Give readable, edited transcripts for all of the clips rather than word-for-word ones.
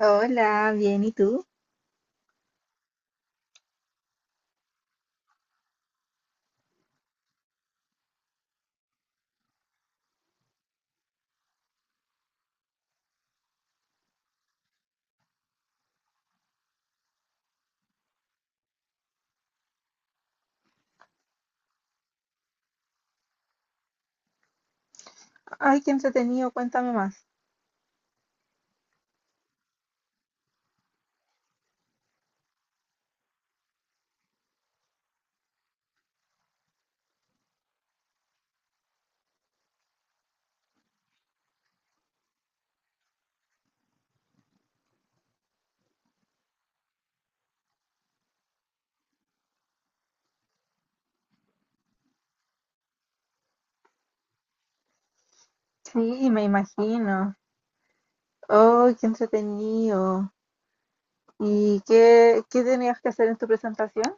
Hola, bien, ¿y tú? Ay, qué entretenido, cuéntame más. Sí, me imagino. Oh, qué entretenido. ¿Y qué, qué tenías que hacer en tu presentación?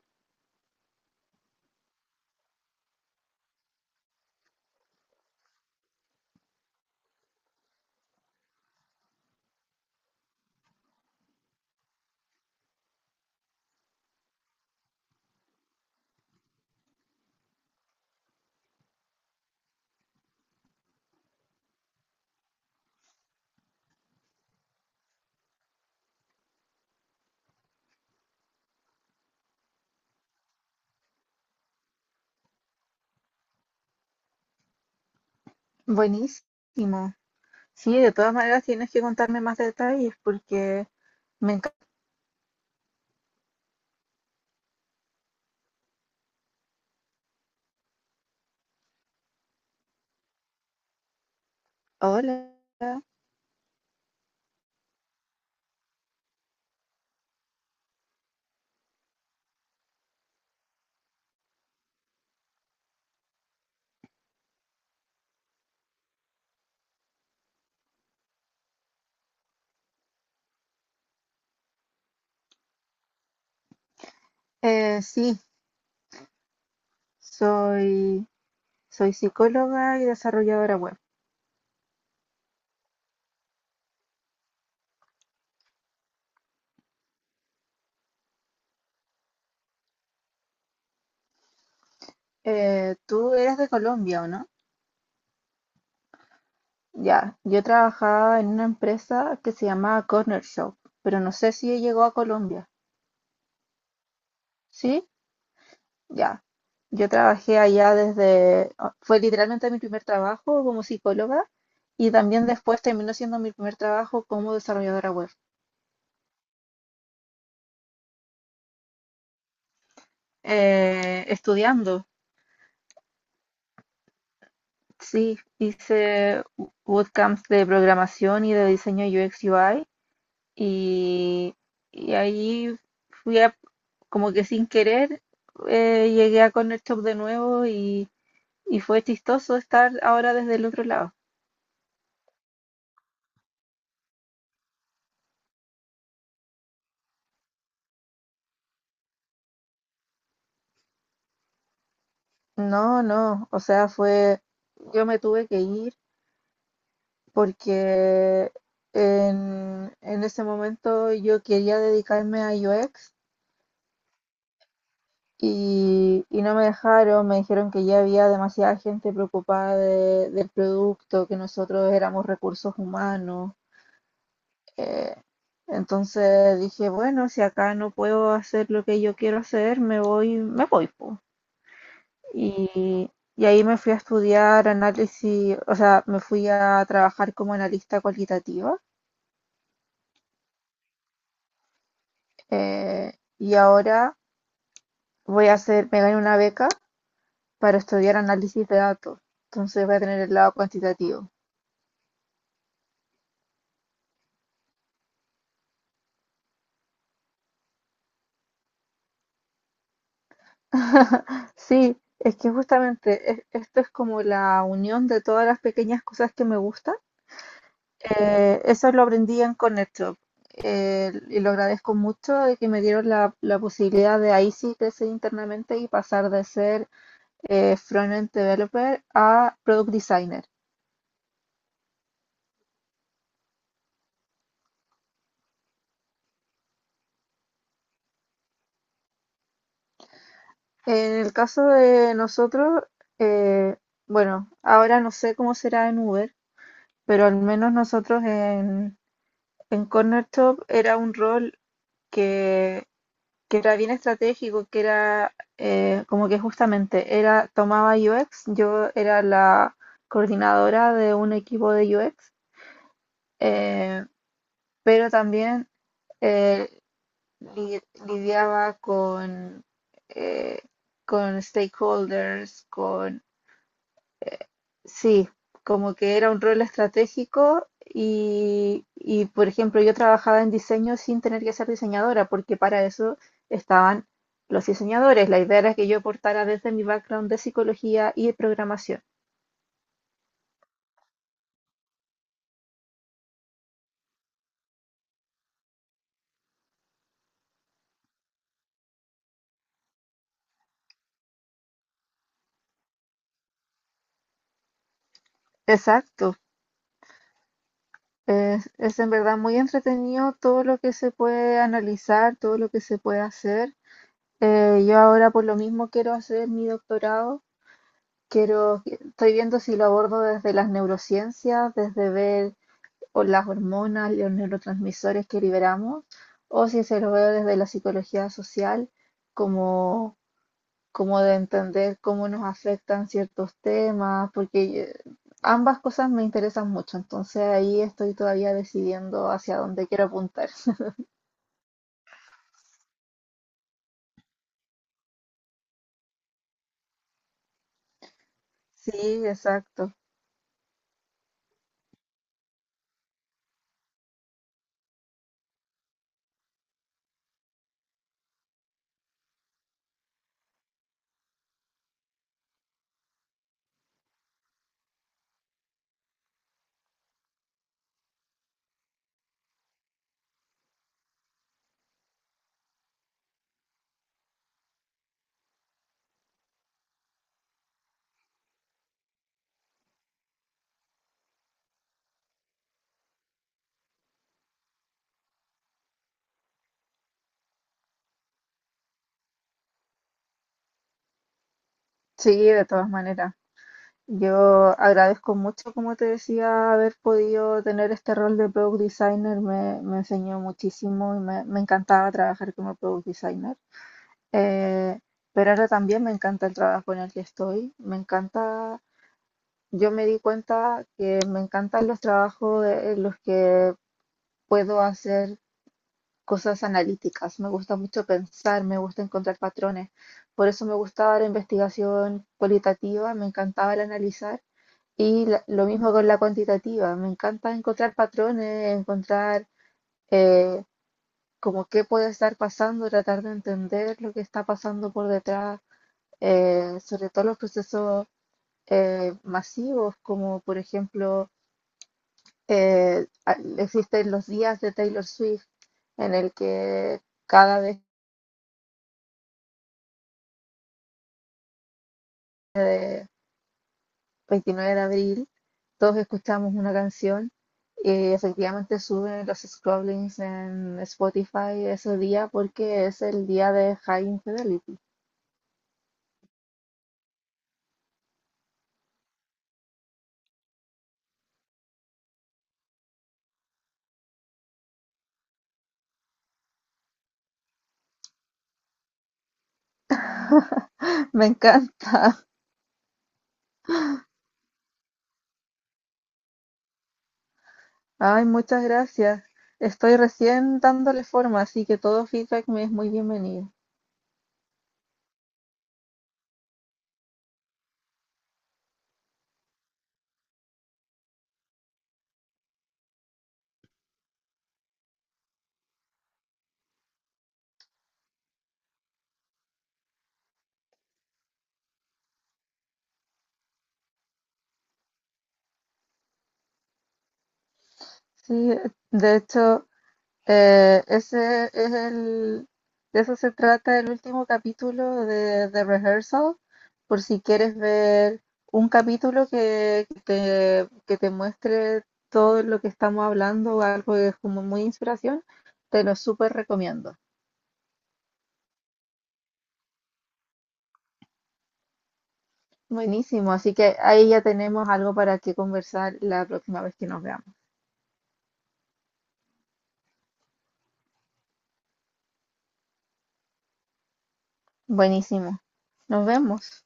Buenísimo. Sí, de todas maneras tienes que contarme más detalles porque me encanta. Hola. Sí, soy, soy psicóloga y desarrolladora web. Tú eres de Colombia, ¿o no? Ya, yo trabajaba en una empresa que se llamaba Corner Shop, pero no sé si llegó a Colombia. Sí, ya. Yo trabajé allá desde, ah, fue literalmente mi primer trabajo como psicóloga y también después terminó siendo mi primer trabajo como desarrolladora web. Estudiando, sí, hice bootcamps de programación y de diseño UX UI y, ahí fui a, como que sin querer, llegué a Corner Shop de nuevo y fue chistoso estar ahora desde el otro lado. No, no, o sea, fue, yo me tuve que ir porque en ese momento yo quería dedicarme a UX y, no me dejaron, me dijeron que ya había demasiada gente preocupada del producto, que nosotros éramos recursos humanos. eh, entonces dije, bueno, si acá no puedo hacer lo que yo quiero hacer, me voy, po. Y, ahí me fui a estudiar análisis, o sea, me fui a trabajar como analista cualitativa. eh, y ahora me gané una beca para estudiar análisis de datos. Entonces voy a tener el lado cuantitativo. Sí, es que justamente esto es como la unión de todas las pequeñas cosas que me gustan. Eso lo aprendí en ConnectShop, y lo agradezco mucho de que me dieron la, la posibilidad de ahí sí crecer internamente y pasar de ser front-end developer a product designer. En el caso de nosotros, eh, bueno, ahora no sé cómo será en Uber, pero al menos nosotros en Corner Shop era un rol que, que era bien estratégico, que era como que justamente era tomaba UX, yo era la coordinadora de un equipo de UX, eh, pero también eh, lidiaba eh, con stakeholders, con... Sí, como que era un rol estratégico y, por ejemplo, yo trabajaba en diseño sin tener que ser diseñadora, porque para eso estaban los diseñadores. La idea era que yo aportara desde mi background de psicología y de programación. Exacto. Es en verdad muy entretenido todo lo que se puede analizar, todo lo que se puede hacer. Yo ahora por lo mismo quiero hacer mi doctorado. Estoy viendo si lo abordo desde las neurociencias, desde ver o las hormonas, los neurotransmisores que liberamos, o si se lo veo desde la psicología social, como, como de entender cómo nos afectan ciertos temas, porque ambas cosas me interesan mucho, entonces ahí estoy todavía decidiendo hacia dónde quiero apuntar. Sí, exacto. Sí, de todas maneras. Yo agradezco mucho, como te decía, haber podido tener este rol de product designer. Me enseñó muchísimo y me encantaba trabajar como product designer. Eh, pero ahora también me encanta el trabajo en el que estoy. Me encanta, yo me di cuenta que me encantan los trabajos en los que puedo hacer cosas analíticas. Me gusta mucho pensar, me gusta encontrar patrones. Por eso me gustaba la investigación cualitativa, me encantaba el analizar y lo mismo con la cuantitativa. Me encanta encontrar patrones, encontrar eh, como qué puede estar pasando, tratar de entender lo que está pasando por detrás, sobre todo los procesos masivos, como por ejemplo existen los días de Taylor Swift, en el que cada vez 29 de abril, todos escuchamos una canción y efectivamente suben los scrollings en Spotify ese día porque es el día de High Infidelity. Me encanta. Ay, muchas gracias. Estoy recién dándole forma, así que todo feedback me es muy bienvenido. Sí, de hecho, Eh, ese es el, de eso se trata el último capítulo de The Rehearsal, por si quieres ver un capítulo que te muestre todo lo que estamos hablando, o algo que es como muy inspiración, te lo súper recomiendo. Buenísimo, así que ahí ya tenemos algo para que conversar la próxima vez que nos veamos. Buenísimo, nos vemos.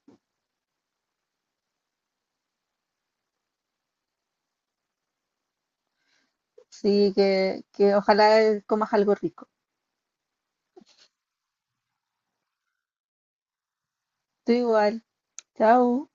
Sí, que ojalá comas algo rico. Tú igual, chao.